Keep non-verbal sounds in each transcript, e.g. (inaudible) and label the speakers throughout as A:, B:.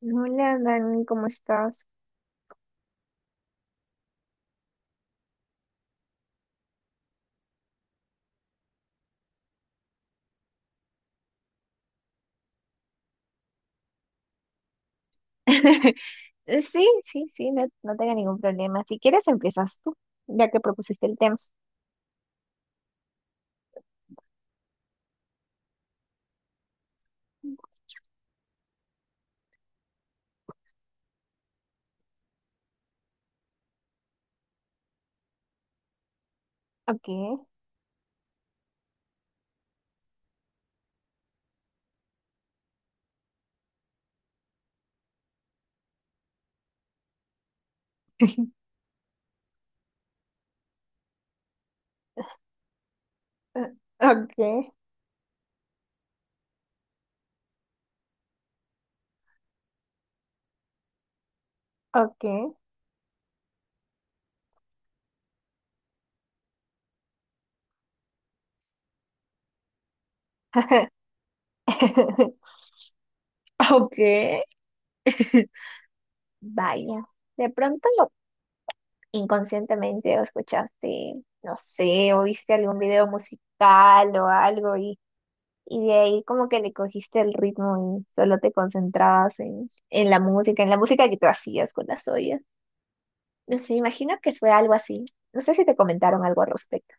A: Hola, Dani, ¿cómo estás? (laughs) Sí, no tengo ningún problema. Si quieres, empiezas tú, ya que propusiste el tema. Okay, eh, okay, okay, (laughs) okay. (laughs) Vaya, de pronto inconscientemente o escuchaste, no sé, o viste algún video musical o algo y de ahí como que le cogiste el ritmo y solo te concentrabas en la música, en la música que tú hacías con las ollas. No sé, imagino que fue algo así. No sé si te comentaron algo al respecto.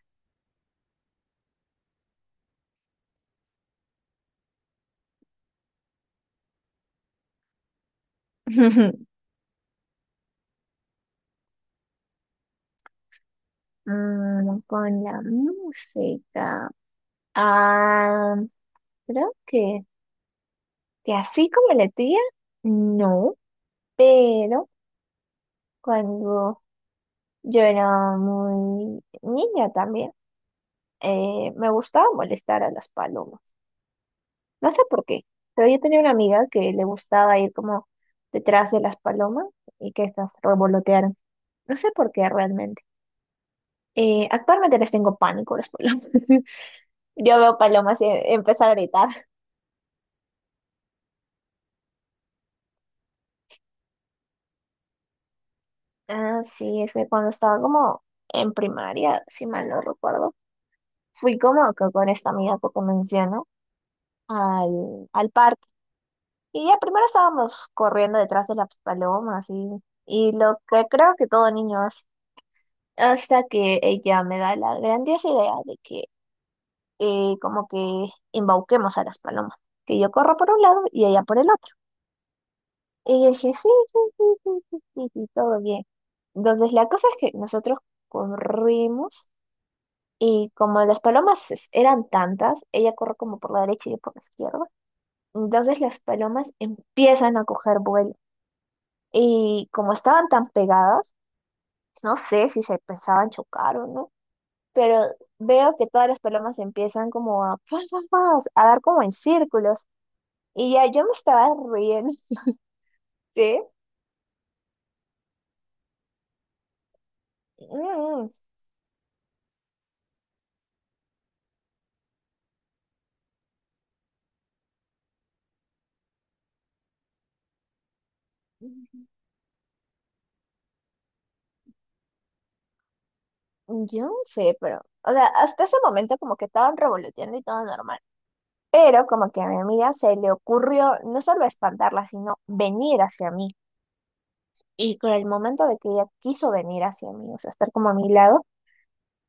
A: (laughs) Mm, con la música. Ah, creo que así como la tía, no, pero cuando yo era muy niña también, me gustaba molestar a las palomas. No sé por qué, pero yo tenía una amiga que le gustaba ir como detrás de las palomas y que estas revolotearan. No sé por qué realmente. Actualmente les tengo pánico a las palomas. (laughs) Yo veo palomas y empiezo a gritar. Ah, sí, es que cuando estaba como en primaria, si mal no recuerdo, fui como que con esta amiga que te menciono al parque. Y ya primero estábamos corriendo detrás de las palomas y lo que creo que todo niño hace. Hasta que ella me da la grandiosa idea de que como que embauquemos a las palomas. Que yo corro por un lado y ella por el otro. Y yo dije, sí, sí, sí, sí, sí, sí, sí, sí, todo bien. Entonces, la cosa es que nosotros corrimos y como las palomas eran tantas, ella corre como por la derecha y yo por la izquierda. Entonces, las palomas empiezan a coger vuelo. Y como estaban tan pegadas, no sé si se pensaban chocar o no, pero veo que todas las palomas empiezan como a, ¡fua, fua, fua!, a dar como en círculos. Y ya yo me estaba riendo. (laughs) ¿Sí? Mm. Mm. Yo no sé, pero, o sea, hasta ese momento como que estaban revoloteando y todo normal. Pero como que a mi amiga se le ocurrió no solo espantarla, sino venir hacia mí. Y con el momento de que ella quiso venir hacia mí, o sea, estar como a mi lado,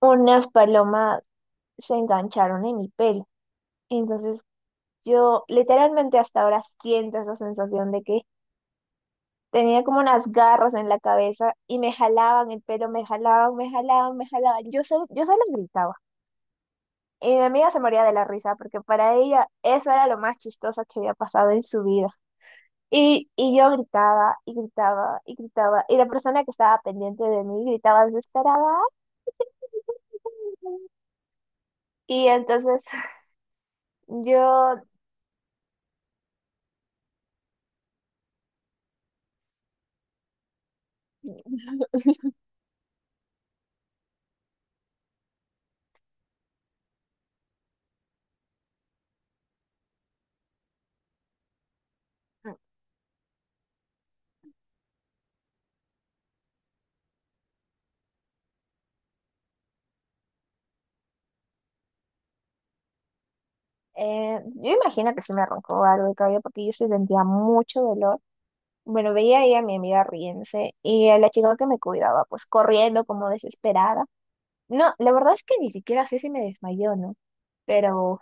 A: unas palomas se engancharon en mi pelo. Entonces yo literalmente hasta ahora siento esa sensación de que tenía como unas garras en la cabeza y me jalaban el pelo, me jalaban, me jalaban, me jalaban. Yo solo gritaba. Y mi amiga se moría de la risa porque para ella eso era lo más chistoso que había pasado en su vida. Y yo gritaba y gritaba y gritaba y la persona que estaba pendiente de mí gritaba desesperada. Y entonces (laughs) yo, yo imagino que sí me arrancó algo de cabello porque yo sí sentía mucho dolor. Bueno, veía ahí a mi amiga riéndose y a la chica que me cuidaba pues corriendo como desesperada. No, la verdad es que ni siquiera sé si me desmayó, ¿no? Pero,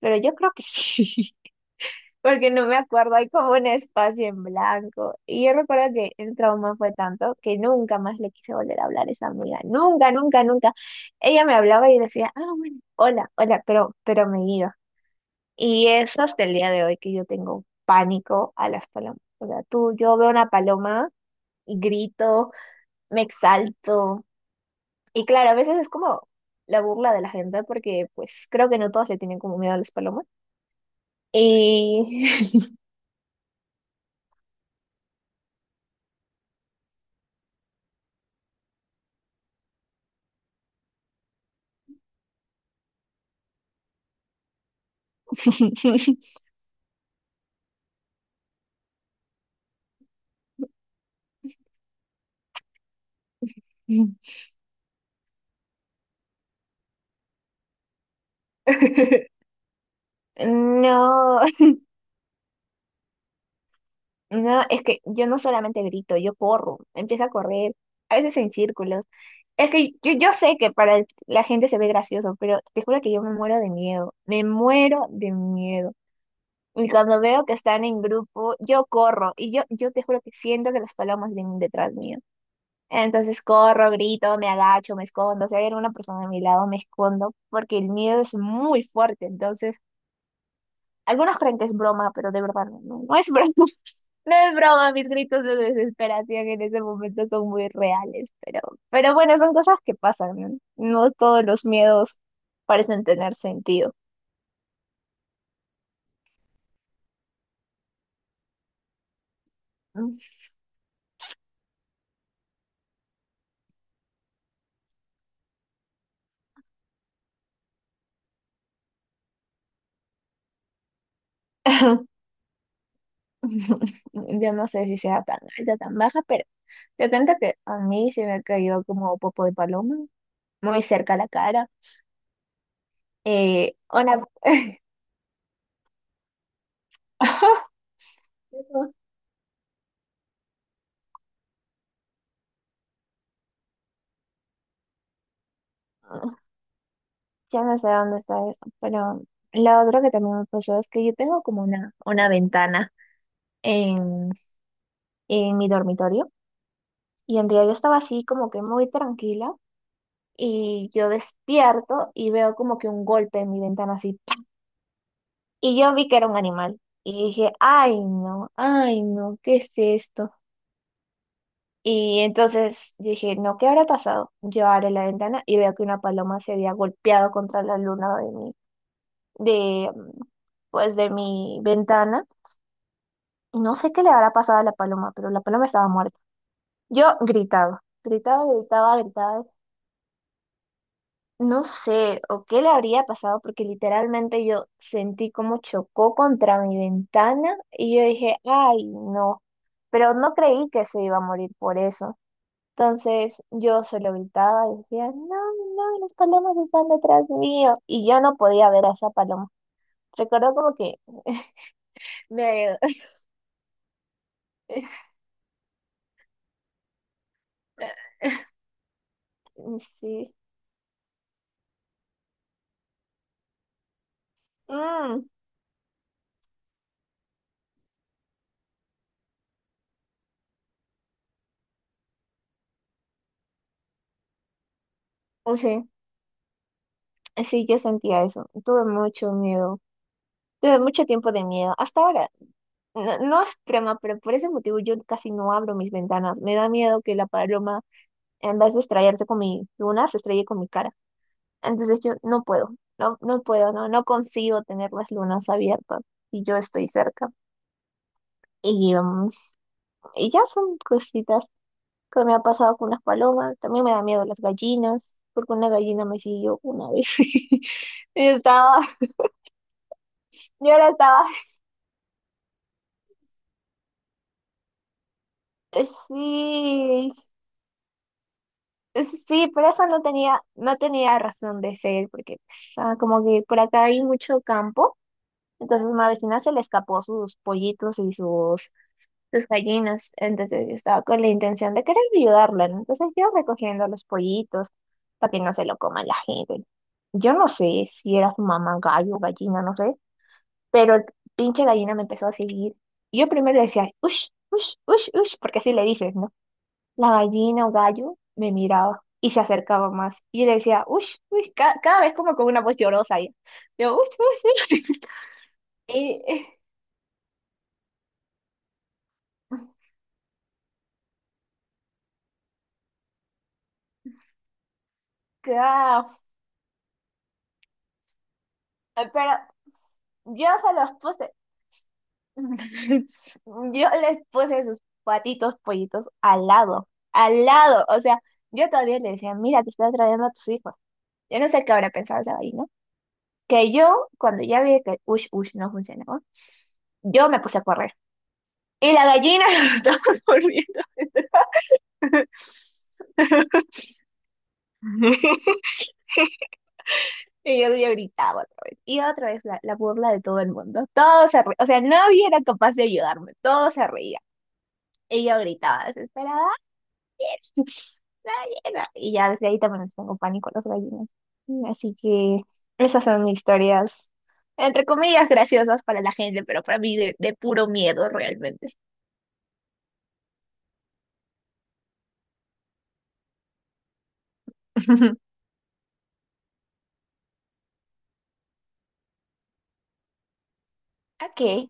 A: pero yo creo que sí. (laughs) Porque no me acuerdo, hay como un espacio en blanco. Y yo recuerdo que el trauma fue tanto que nunca más le quise volver a hablar a esa amiga, nunca, nunca, nunca. Ella me hablaba y decía, ah, bueno, hola, hola, pero me iba. Y eso hasta el día de hoy que yo tengo pánico a las palomas. O sea, tú, yo veo una paloma y grito, me exalto. Y claro, a veces es como la burla de la gente porque pues creo que no todos se tienen como miedo a las palomas. Y... (laughs) (laughs) No, (laughs) no, es que yo no solamente grito, yo corro, empiezo a correr, a veces en círculos. Es que yo sé que para la gente se ve gracioso, pero te juro que yo me muero de miedo, me muero de miedo. Y cuando veo que están en grupo, yo corro yo te juro que siento que las palomas vienen detrás mío. Entonces corro, grito, me agacho, me escondo. Si hay alguna persona a mi lado, me escondo porque el miedo es muy fuerte. Entonces... Algunos creen que es broma, pero de verdad no es broma. (laughs) No es broma, mis gritos de desesperación en ese momento son muy reales, pero bueno, son cosas que pasan, ¿no? No todos los miedos parecen tener sentido. (laughs) Yo no sé si sea tan alta, tan baja, pero te cuento que a mí se me ha caído como popo de paloma, muy cerca a la cara. Eh, una, (laughs) Ya no sé dónde está eso, pero lo otro que también me pasó es que yo tengo como una ventana en, en mi dormitorio y un día yo estaba así como que muy tranquila y yo despierto y veo como que un golpe en mi ventana así ¡pa!, y yo vi que era un animal y dije, ay no, ¿qué es esto? Y entonces dije, no, ¿qué habrá pasado? Yo abro la ventana y veo que una paloma se había golpeado contra la luna de, pues de mi ventana. Y no sé qué le habrá pasado a la paloma, pero la paloma estaba muerta. Yo gritaba, gritaba, gritaba, gritaba. No sé, o qué le habría pasado, porque literalmente yo sentí como chocó contra mi ventana y yo dije, ay, no. Pero no creí que se iba a morir por eso. Entonces yo solo gritaba y decía, no, no, las palomas están detrás mío. Y yo no podía ver a esa paloma. Recuerdo como que (laughs) me... (laughs) Sí. Mm, sí. Sí, yo sentía eso. Tuve mucho miedo. Tuve mucho tiempo de miedo. Hasta ahora, no, no es broma, pero por ese motivo yo casi no abro mis ventanas. Me da miedo que la paloma, en vez de estrellarse con mi luna, se estrelle con mi cara. Entonces yo no puedo, no, no puedo, no, no consigo tener las lunas abiertas y yo estoy cerca. Y, um, y ya son cositas que me ha pasado con las palomas. También me da miedo las gallinas, porque una gallina me siguió una vez. (laughs) Y estaba... Yo la estaba Eh, Sí, sí, pero eso no tenía, no tenía razón de ser, porque pues, ah, como que por acá hay mucho campo, entonces mi vecina se le escapó sus pollitos sus gallinas, entonces yo estaba con la intención de querer ayudarla, ¿no? Entonces yo recogiendo los pollitos para que no se lo coma la gente. Yo no sé si era su mamá gallo, gallina, no sé, pero el pinche gallina me empezó a seguir. Yo primero le decía, ush, ush, ush, ush, porque así le dices, ¿no? La gallina o gallo me miraba y se acercaba más. Y yo le decía, ush, ush, cada vez como con una voz llorosa. Y yo, ush, ush, ush. (laughs) Y, eh, ca- pero yo se los puse, (laughs) yo les puse sus patitos pollitos al lado, al lado. O sea, yo todavía le decía, mira, te estás trayendo a tus hijos. Yo no sé qué habrá pensado esa gallina. Que yo, cuando ya vi que ush, ush no funcionaba, yo me puse a correr. Y la gallina (laughs) estaba (laughs) yo gritaba otra vez. Y otra vez la burla de todo el mundo. Todos se reían. O sea, nadie era capaz de ayudarme. Todos se reían. Y yo gritaba desesperada, "¡Daniel! ¡Daniel!". Y ya desde ahí también les tengo pánico a las gallinas. Así que esas son mis historias, entre comillas, graciosas para la gente, pero para mí de puro miedo realmente. (laughs) Ok,